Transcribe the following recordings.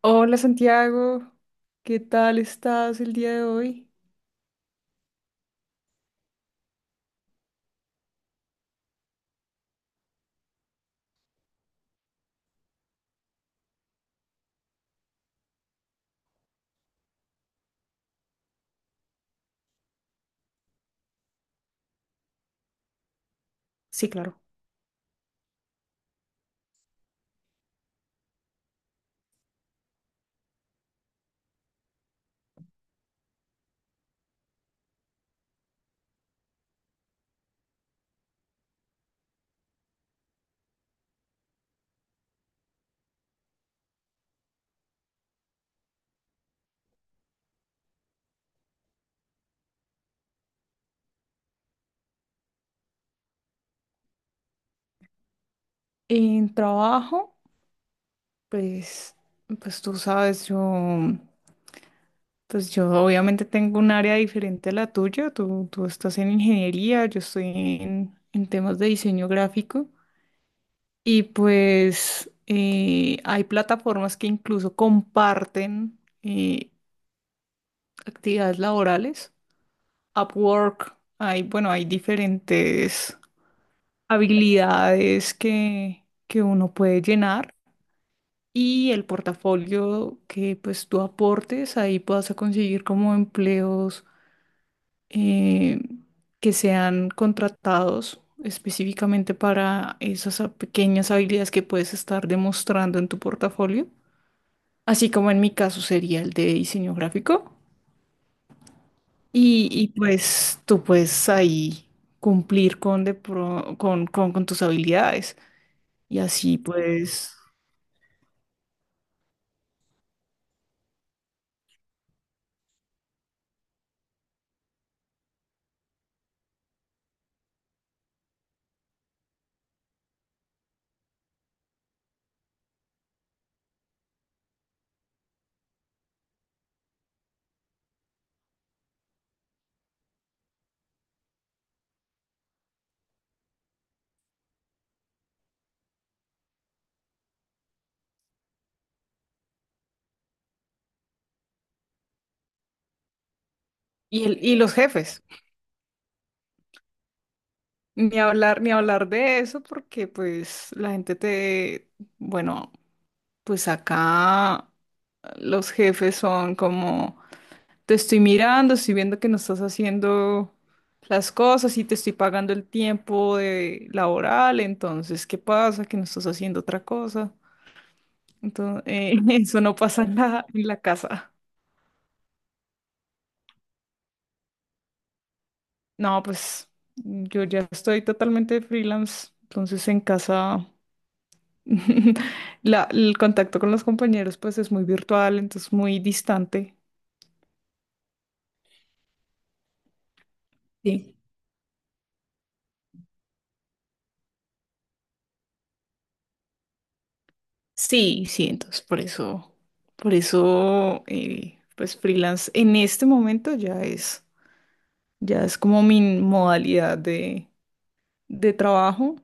Hola Santiago, ¿qué tal estás el día de hoy? Sí, claro. En trabajo, pues, pues tú sabes, yo obviamente tengo un área diferente a la tuya, tú estás en ingeniería, yo estoy en temas de diseño gráfico y pues hay plataformas que incluso comparten eh, actividades laborales, Upwork, hay, bueno, hay diferentes habilidades que uno puede llenar y el portafolio que pues tú aportes, ahí vas a conseguir como empleos eh, que sean contratados específicamente para esas pequeñas habilidades que puedes estar demostrando en tu portafolio, así como en mi caso sería el de diseño gráfico. Pues tú puedes ahí cumplir con con tus habilidades. Y así pues y los jefes, ni hablar, ni hablar de eso, porque pues la gente te, bueno, pues acá los jefes son como, te estoy mirando, estoy viendo que no estás haciendo las cosas y te estoy pagando el tiempo de laboral, entonces, ¿qué pasa? Que no estás haciendo otra cosa. Entonces, eso no pasa en en la casa. No, pues yo ya estoy totalmente freelance, entonces en casa. El contacto con los compañeros pues es muy virtual, entonces muy distante. Sí. Sí, sí, entonces por eso, pues freelance en este momento ya es como mi modalidad de trabajo.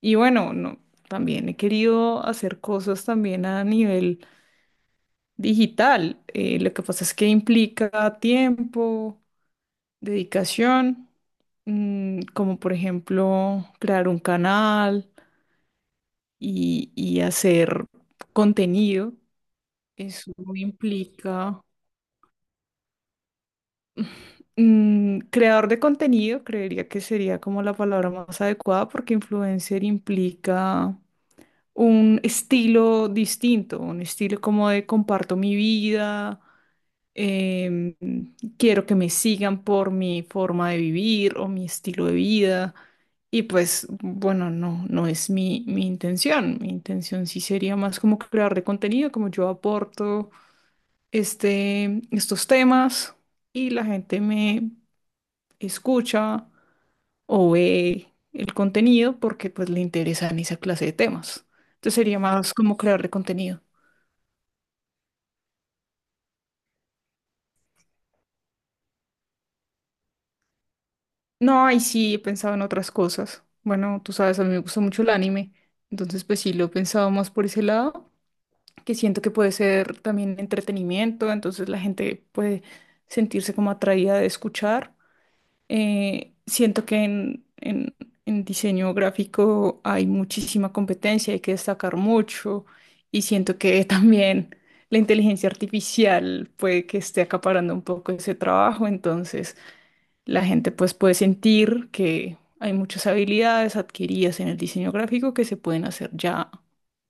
Y bueno, no, también he querido hacer cosas también a nivel digital. Lo que pasa es que implica tiempo, dedicación, como por ejemplo crear un canal y hacer contenido. Eso implica creador de contenido, creería que sería como la palabra más adecuada porque influencer implica un estilo distinto, un estilo como de comparto mi vida, em, quiero que me sigan por mi forma de vivir o mi estilo de vida. Y pues, bueno, no, no es mi intención. Mi intención sí sería más como crear de contenido, como yo aporto estos temas y la gente me escucha o ve el contenido porque pues le interesan esa clase de temas. Entonces sería más como crear de contenido. No, y sí, he pensado en otras cosas. Bueno, tú sabes, a mí me gusta mucho el anime, entonces pues sí, lo he pensado más por ese lado, que siento que puede ser también entretenimiento, entonces la gente puede sentirse como atraída de escuchar. Siento que en diseño gráfico hay muchísima competencia, hay que destacar mucho, y siento que también la inteligencia artificial puede que esté acaparando un poco ese trabajo, entonces... La gente pues puede sentir que hay muchas habilidades adquiridas en el diseño gráfico que se pueden hacer ya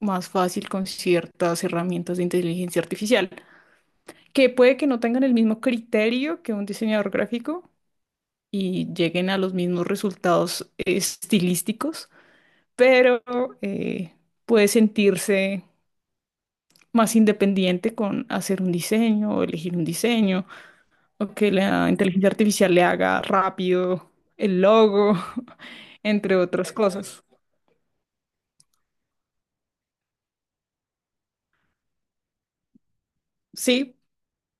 más fácil con ciertas herramientas de inteligencia artificial, que puede que no tengan el mismo criterio que un diseñador gráfico y lleguen a los mismos resultados estilísticos, pero eh, puede sentirse más independiente con hacer un diseño o elegir un diseño o que la inteligencia artificial le haga rápido el logo, entre otras cosas. Sí,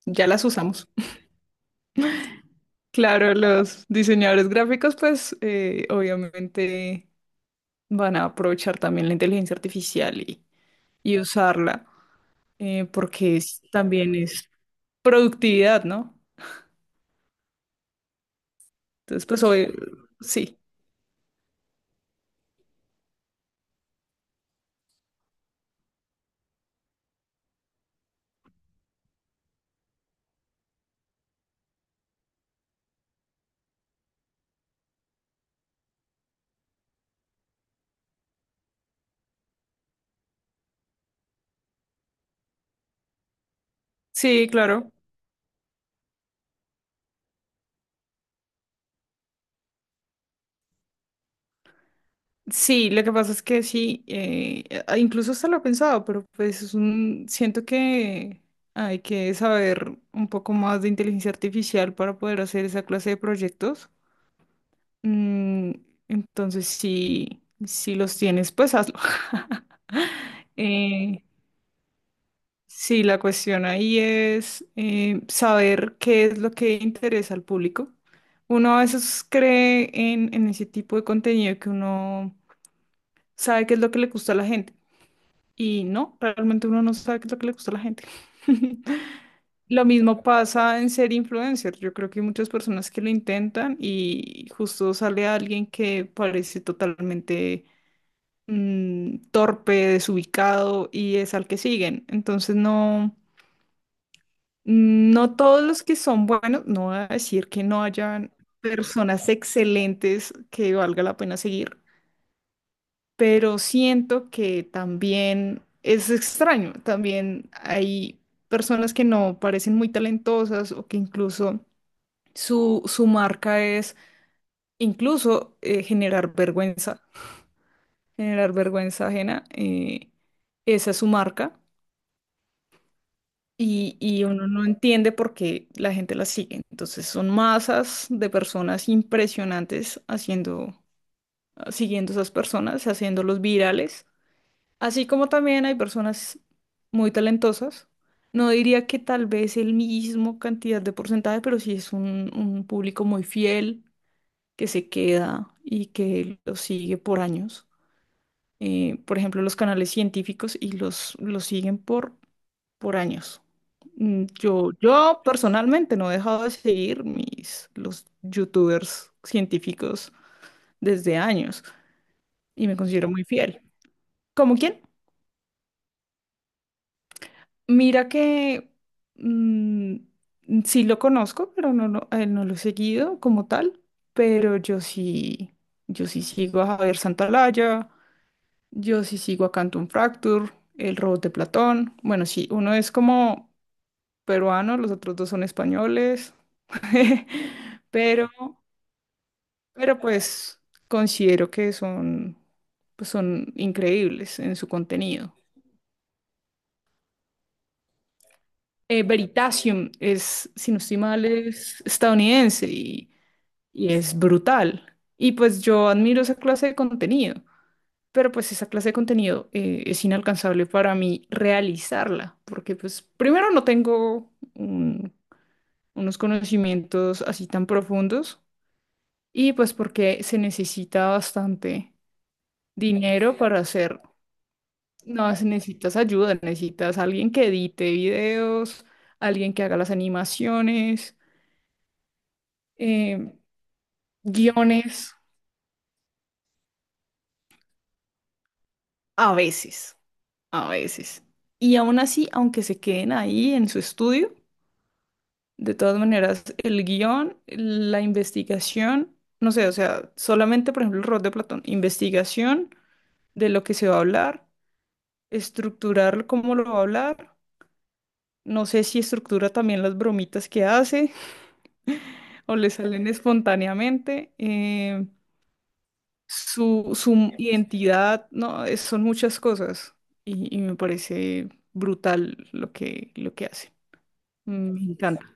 ya las usamos. Claro, los diseñadores gráficos, pues obviamente van a aprovechar también la inteligencia artificial y usarla, porque también es productividad, ¿no? Entonces, pues hoy, sí, sí, claro. Sí, lo que pasa es que sí, incluso hasta lo he pensado, pero pues es un, siento que hay que saber un poco más de inteligencia artificial para poder hacer esa clase de proyectos. Mm, entonces, sí, si los tienes, pues hazlo. Eh, sí, la cuestión ahí es saber qué es lo que interesa al público. Uno a veces cree en ese tipo de contenido que uno sabe qué es lo que le gusta a la gente. Y no, realmente uno no sabe qué es lo que le gusta a la gente. Lo mismo pasa en ser influencer. Yo creo que hay muchas personas que lo intentan y justo sale alguien que parece totalmente torpe, desubicado y es al que siguen. Entonces no, no todos los que son buenos, no voy a decir que no hayan personas excelentes que valga la pena seguir, pero siento que también es extraño, también hay personas que no parecen muy talentosas o que incluso su marca es incluso generar vergüenza ajena, esa es su marca. Y uno no entiende por qué la gente la sigue. Entonces son masas de personas impresionantes haciendo, siguiendo esas personas, haciéndolos virales. Así como también hay personas muy talentosas, no diría que tal vez el mismo cantidad de porcentaje, pero sí es un público muy fiel que se queda y que lo sigue por años. Por ejemplo, los canales científicos y los siguen por años. Yo personalmente no he dejado de seguir los youtubers científicos desde años y me considero muy fiel. ¿Como quién? Mira que mm, sí lo conozco, pero a él no lo he seguido como tal, pero yo sí, sigo a Javier Santalaya, yo sí sigo a Canton Fracture, El Robot de Platón. Bueno, sí, uno es como peruano, los otros dos son españoles, pero, pero pues considero que son, pues son increíbles en su contenido. Veritasium es, si no estoy mal, es estadounidense y es brutal. Y pues yo admiro esa clase de contenido, pero pues esa clase de contenido es inalcanzable para mí realizarla, porque pues primero no tengo unos conocimientos así tan profundos y pues porque se necesita bastante dinero para hacerlo. No, se necesitas ayuda, necesitas alguien que edite videos, alguien que haga las animaciones, eh, guiones a veces, a veces. Y aún así, aunque se queden ahí en su estudio, de todas maneras, el guión, la investigación, no sé, o sea, solamente, por ejemplo, el rol de Platón, investigación de lo que se va a hablar, estructurar cómo lo va a hablar. No sé si estructura también las bromitas que hace o le salen espontáneamente. Su su identidad, no, son muchas cosas y me parece brutal lo lo que hace. Mm. Me encanta.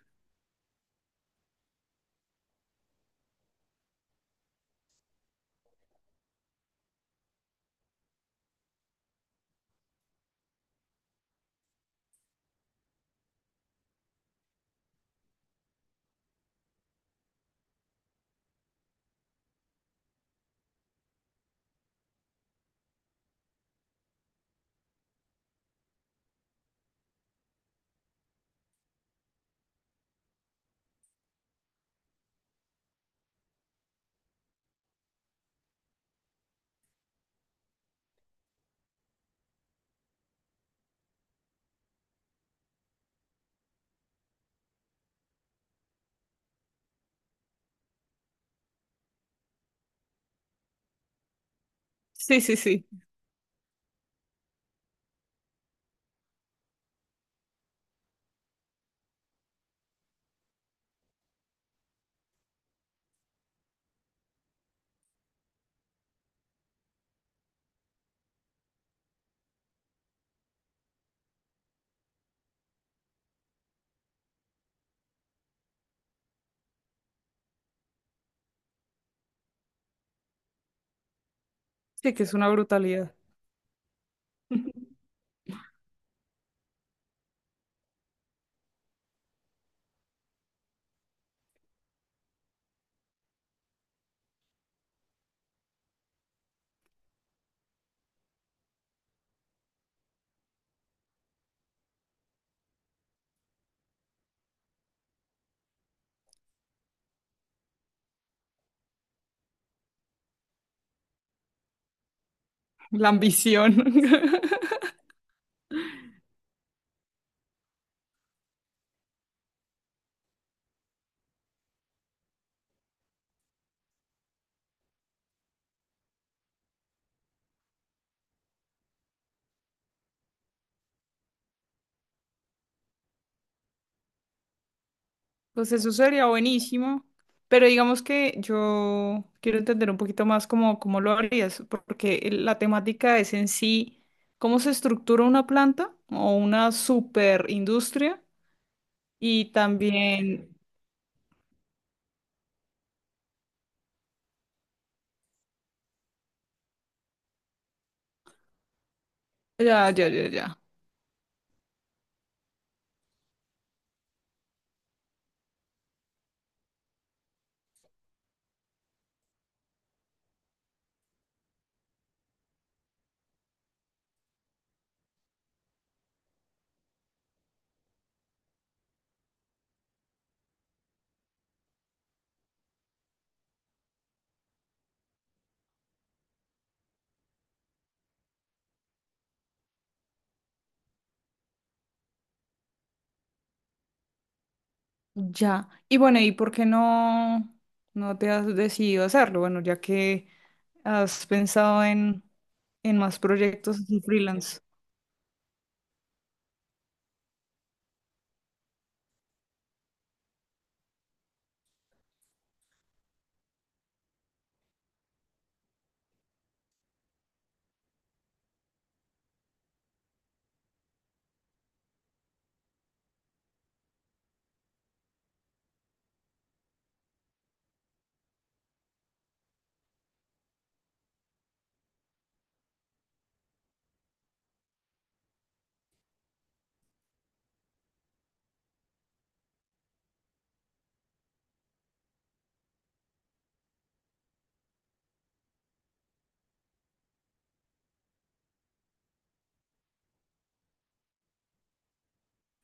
Sí, sí, sí. Sí, que es una brutalidad. La ambición. Pues eso sería buenísimo. Pero digamos que yo quiero entender un poquito más cómo lo harías, porque la temática es en sí cómo se estructura una planta o una superindustria y también... Ya, ya, ya, ya. Ya. Y bueno, ¿por qué no te has decidido a hacerlo? Bueno, ya que has pensado en más proyectos así freelance,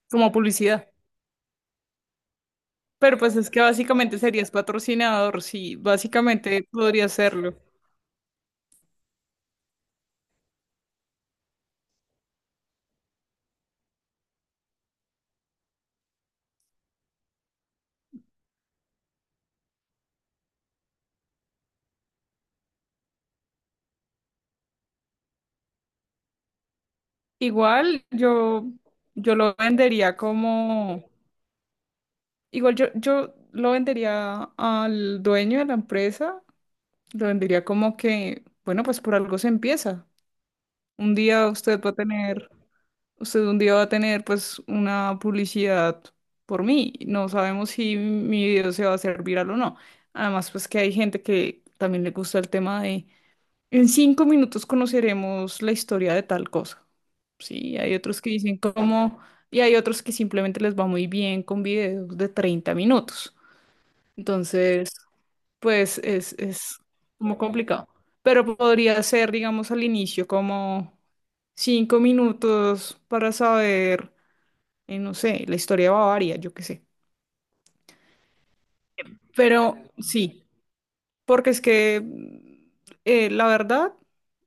como publicidad. Pero pues es que básicamente serías patrocinador, sí, básicamente podría hacerlo. Igual yo, yo lo vendería como, yo lo vendería al dueño de la empresa, lo vendería como que, bueno, pues por algo se empieza. Un día usted va a tener Usted un día va a tener pues una publicidad por mí. No sabemos si mi video se va a hacer viral o no. Además, pues que hay gente que también le gusta el tema de en 5 minutos conoceremos la historia de tal cosa. Sí, hay otros que dicen cómo y hay otros que simplemente les va muy bien con videos de 30 minutos. Entonces, pues es como complicado. Pero podría ser, digamos, al inicio como 5 minutos para saber no sé, la historia de Bavaria, yo qué sé. Pero sí, porque es que la verdad,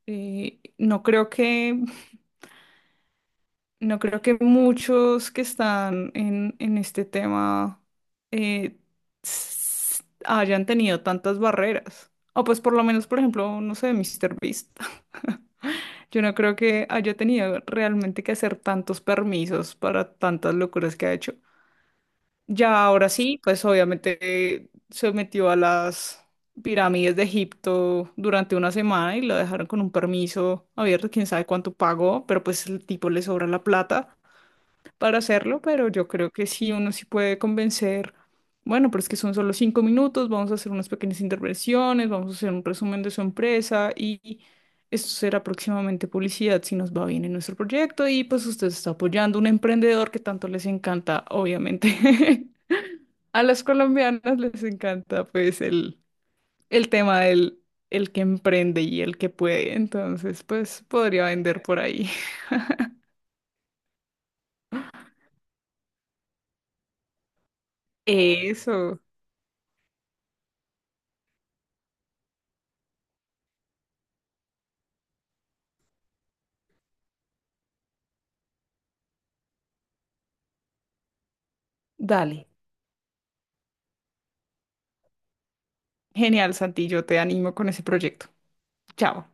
eh, no creo que, no creo que muchos que están en este tema eh, hayan tenido tantas barreras. O pues por lo menos, por ejemplo, no sé, Mister Beast. Yo no creo que haya tenido realmente que hacer tantos permisos para tantas locuras que ha hecho. Ya ahora sí, pues obviamente se metió a las pirámides de Egipto durante una semana y lo dejaron con un permiso abierto, quién sabe cuánto pagó, pero pues el tipo le sobra la plata para hacerlo, pero yo creo que sí, uno sí puede convencer, bueno, pero es que son solo 5 minutos, vamos a hacer unas pequeñas intervenciones, vamos a hacer un resumen de su empresa y esto será próximamente publicidad si nos va bien en nuestro proyecto y pues usted está apoyando a un emprendedor que tanto les encanta, obviamente. A las colombianas les encanta pues el tema del el que emprende y el que puede, entonces pues podría vender por ahí. Eso, dale. Genial, Santi, yo te animo con ese proyecto. Chao.